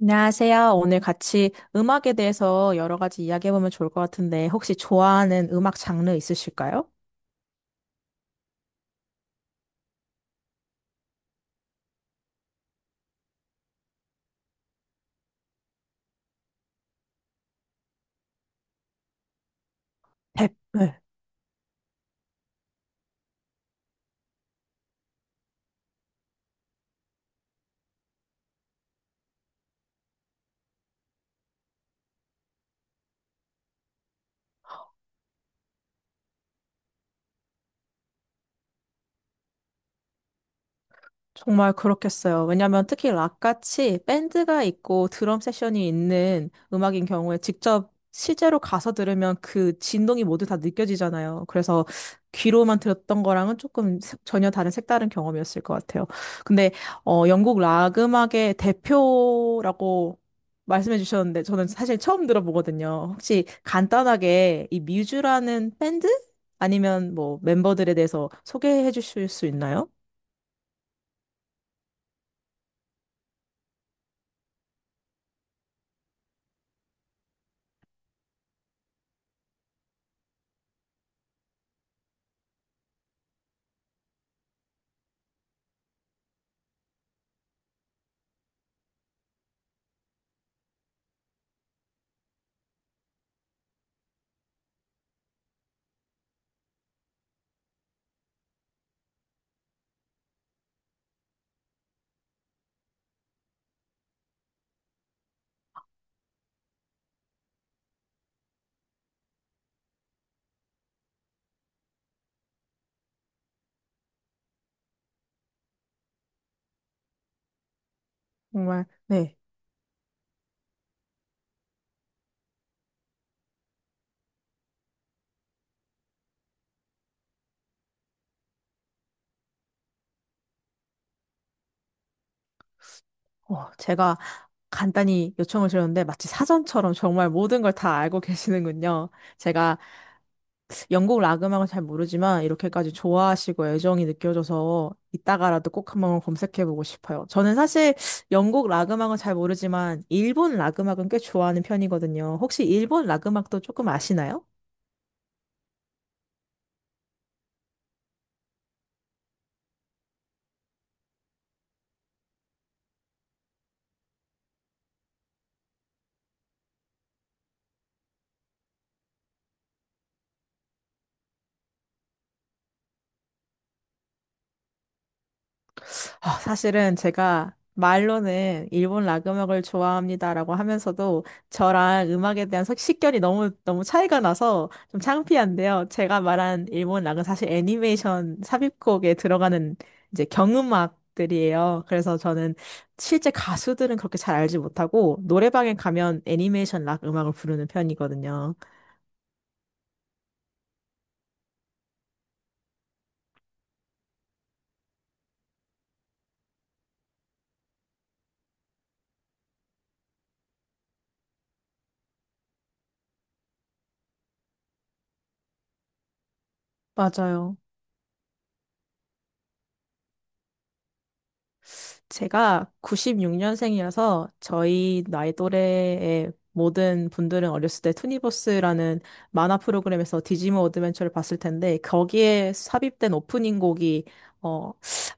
안녕하세요. 오늘 같이 음악에 대해서 여러 가지 이야기해보면 좋을 것 같은데, 혹시 좋아하는 음악 장르 있으실까요? 네. 정말 그렇겠어요. 왜냐면 특히 락같이 밴드가 있고 드럼 세션이 있는 음악인 경우에 직접 실제로 가서 들으면 그 진동이 모두 다 느껴지잖아요. 그래서 귀로만 들었던 거랑은 조금 전혀 다른 색다른 경험이었을 것 같아요. 근데 영국 락 음악의 대표라고 말씀해 주셨는데 저는 사실 처음 들어보거든요. 혹시 간단하게 이 뮤즈라는 밴드 아니면 뭐 멤버들에 대해서 소개해 주실 수 있나요? 정말. 네. 제가 간단히 요청을 드렸는데 마치 사전처럼 정말 모든 걸 다 알고 계시는군요. 제가 영국 락 음악을 잘 모르지만 이렇게까지 좋아하시고 애정이 느껴져서 이따가라도 꼭 한번 검색해보고 싶어요. 저는 사실 영국 락 음악은 잘 모르지만 일본 락 음악은 꽤 좋아하는 편이거든요. 혹시 일본 락 음악도 조금 아시나요? 아, 사실은 제가 말로는 일본 락 음악을 좋아합니다라고 하면서도 저랑 음악에 대한 식견이 너무 너무 차이가 나서 좀 창피한데요. 제가 말한 일본 락은 사실 애니메이션 삽입곡에 들어가는 이제 경음악들이에요. 그래서 저는 실제 가수들은 그렇게 잘 알지 못하고 노래방에 가면 애니메이션 락 음악을 부르는 편이거든요. 맞아요. 제가 96년생이라서 저희 나이 또래의 모든 분들은 어렸을 때 투니버스라는 만화 프로그램에서 디지몬 어드벤처를 봤을 텐데 거기에 삽입된 오프닝 곡이 어,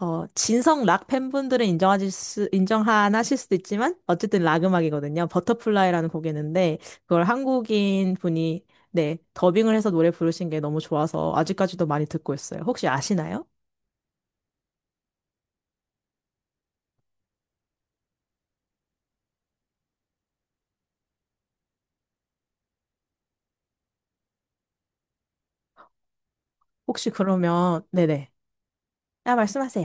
진성 락 팬분들은 인정하실 수도 있지만 어쨌든 락 음악이거든요. 버터플라이라는 곡이었는데 그걸 한국인 분이 네, 더빙을 해서 노래 부르신 게 너무 좋아서 아직까지도 많이 듣고 있어요. 혹시 아시나요? 혹시 그러면 네네. 아, 말씀하세요.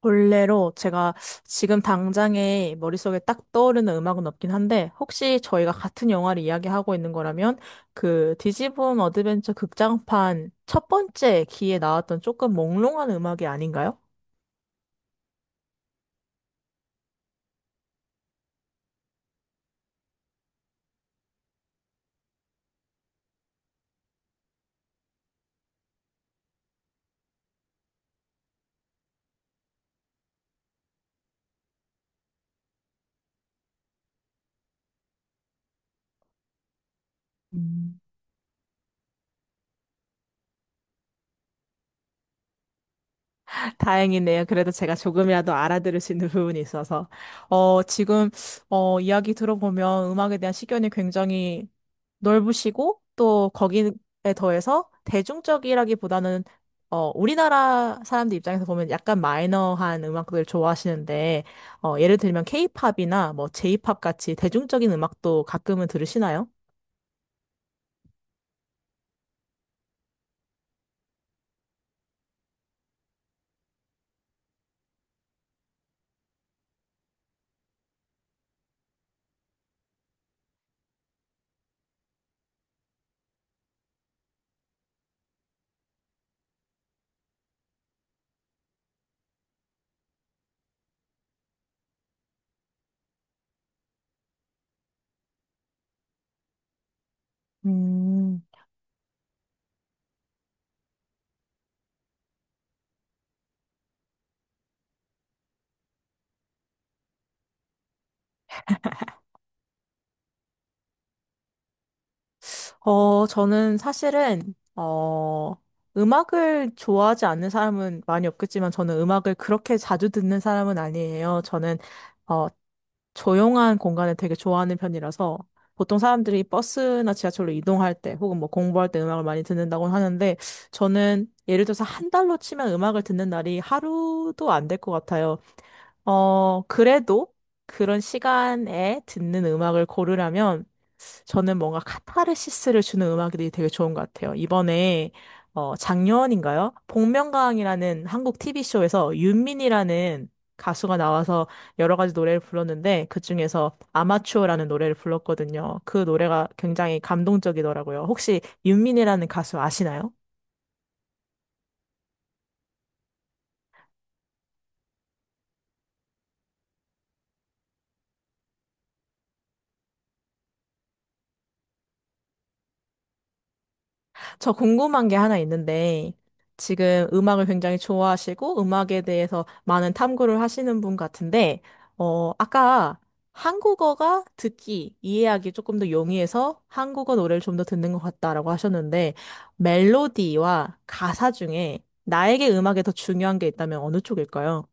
본래로 제가 지금 당장에 머릿속에 딱 떠오르는 음악은 없긴 한데, 혹시 저희가 같은 영화를 이야기하고 있는 거라면, 그 디지붐 어드벤처 극장판 첫 번째 기에 나왔던 조금 몽롱한 음악이 아닌가요? 다행이네요. 그래도 제가 조금이라도 알아들을 수 있는 부분이 있어서. 어, 지금, 이야기 들어보면 음악에 대한 시견이 굉장히 넓으시고, 또 거기에 더해서 대중적이라기보다는, 우리나라 사람들 입장에서 보면 약간 마이너한 음악들 좋아하시는데, 예를 들면 케이팝이나 뭐 제이팝 같이 대중적인 음악도 가끔은 들으시나요? 음, 저는 사실은, 음악을 좋아하지 않는 사람은 많이 없겠지만, 저는 음악을 그렇게 자주 듣는 사람은 아니에요. 저는, 어, 조용한 공간을 되게 좋아하는 편이라서 보통 사람들이 버스나 지하철로 이동할 때 혹은 뭐 공부할 때 음악을 많이 듣는다고 하는데 저는 예를 들어서 한 달로 치면 음악을 듣는 날이 하루도 안 될 것 같아요. 어, 그래도 그런 시간에 듣는 음악을 고르라면 저는 뭔가 카타르시스를 주는 음악이 되게 좋은 것 같아요. 이번에 어, 작년인가요? 복면가왕이라는 한국 TV쇼에서 윤민이라는 가수가 나와서 여러 가지 노래를 불렀는데 그중에서 아마추어라는 노래를 불렀거든요. 그 노래가 굉장히 감동적이더라고요. 혹시 윤민이라는 가수 아시나요? 저 궁금한 게 하나 있는데, 지금 음악을 굉장히 좋아하시고, 음악에 대해서 많은 탐구를 하시는 분 같은데, 아까 한국어가 이해하기 조금 더 용이해서 한국어 노래를 좀 더 듣는 것 같다라고 하셨는데, 멜로디와 가사 중에 나에게 음악에 더 중요한 게 있다면 어느 쪽일까요?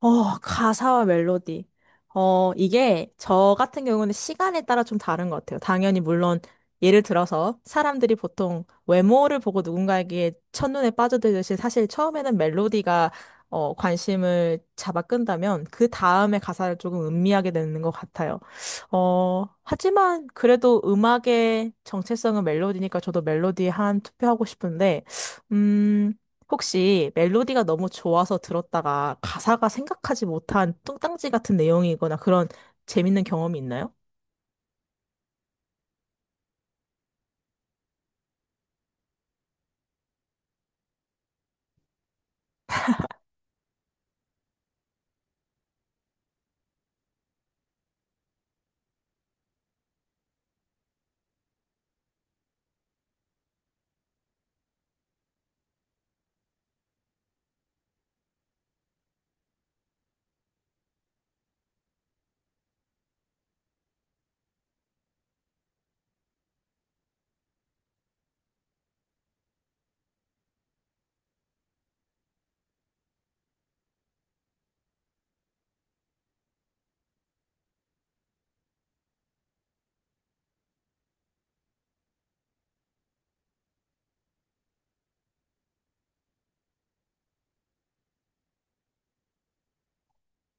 어, 가사와 멜로디. 이게 저 같은 경우는 시간에 따라 좀 다른 것 같아요. 당연히 물론 예를 들어서 사람들이 보통 외모를 보고 누군가에게 첫눈에 빠져들듯이 사실 처음에는 멜로디가 관심을 잡아 끈다면 그 다음에 가사를 조금 음미하게 되는 것 같아요. 하지만 그래도 음악의 정체성은 멜로디니까 저도 멜로디에 한 투표하고 싶은데, 음... 혹시 멜로디가 너무 좋아서 들었다가 가사가 생각하지 못한 뚱딴지 같은 내용이거나 그런 재밌는 경험이 있나요?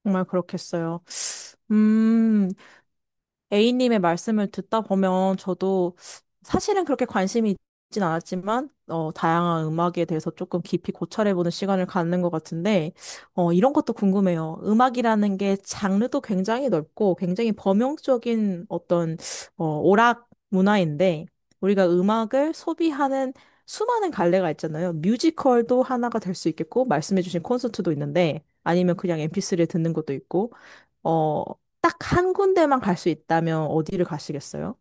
정말 그렇겠어요. 음, A님의 말씀을 듣다 보면 저도 사실은 그렇게 관심이 있진 않았지만, 다양한 음악에 대해서 조금 깊이 고찰해보는 시간을 갖는 것 같은데, 이런 것도 궁금해요. 음악이라는 게 장르도 굉장히 넓고 굉장히 범용적인 어떤, 오락 문화인데, 우리가 음악을 소비하는 수많은 갈래가 있잖아요. 뮤지컬도 하나가 될 수 있겠고, 말씀해주신 콘서트도 있는데, 아니면 그냥 MP3를 듣는 것도 있고, 어, 딱 한 군데만 갈 수 있다면 어디를 가시겠어요?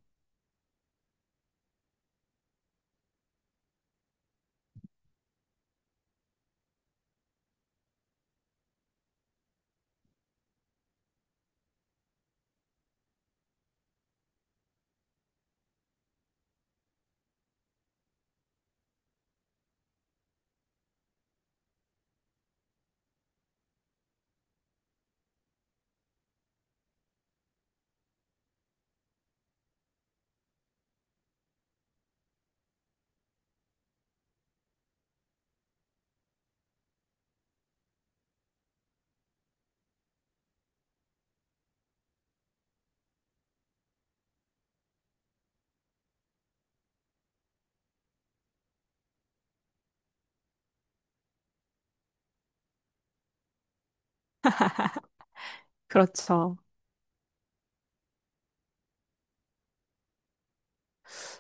그렇죠.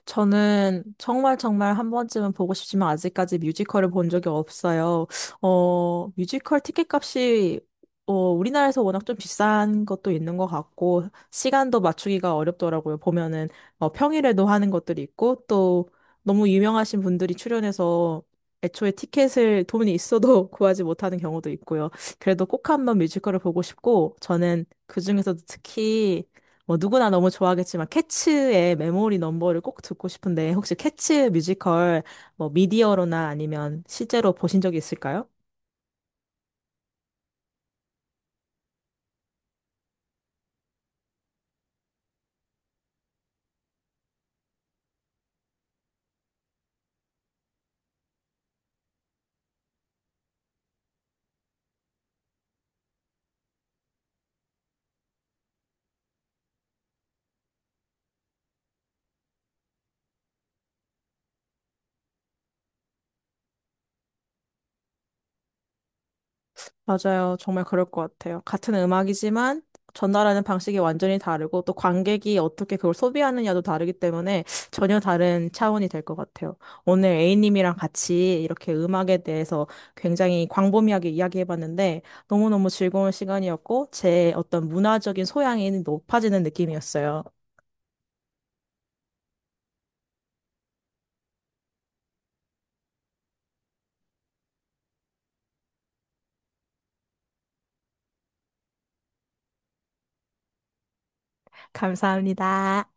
저는 정말 정말 한 번쯤은 보고 싶지만 아직까지 뮤지컬을 본 적이 없어요. 뮤지컬 티켓 값이 우리나라에서 워낙 좀 비싼 것도 있는 것 같고 시간도 맞추기가 어렵더라고요. 보면은 평일에도 하는 것들이 있고 또 너무 유명하신 분들이 출연해서 애초에 티켓을 돈이 있어도 구하지 못하는 경우도 있고요. 그래도 꼭 한번 뮤지컬을 보고 싶고 저는 그중에서도 특히 뭐 누구나 너무 좋아하겠지만 캐츠의 메모리 넘버를 꼭 듣고 싶은데 혹시 캐츠 뮤지컬 뭐 미디어로나 아니면 실제로 보신 적이 있을까요? 맞아요. 정말 그럴 것 같아요. 같은 음악이지만 전달하는 방식이 완전히 다르고 또 관객이 어떻게 그걸 소비하느냐도 다르기 때문에 전혀 다른 차원이 될 것 같아요. 오늘 A님이랑 같이 이렇게 음악에 대해서 굉장히 광범위하게 이야기해봤는데 너무너무 즐거운 시간이었고 제 어떤 문화적인 소양이 높아지는 느낌이었어요. 감사합니다.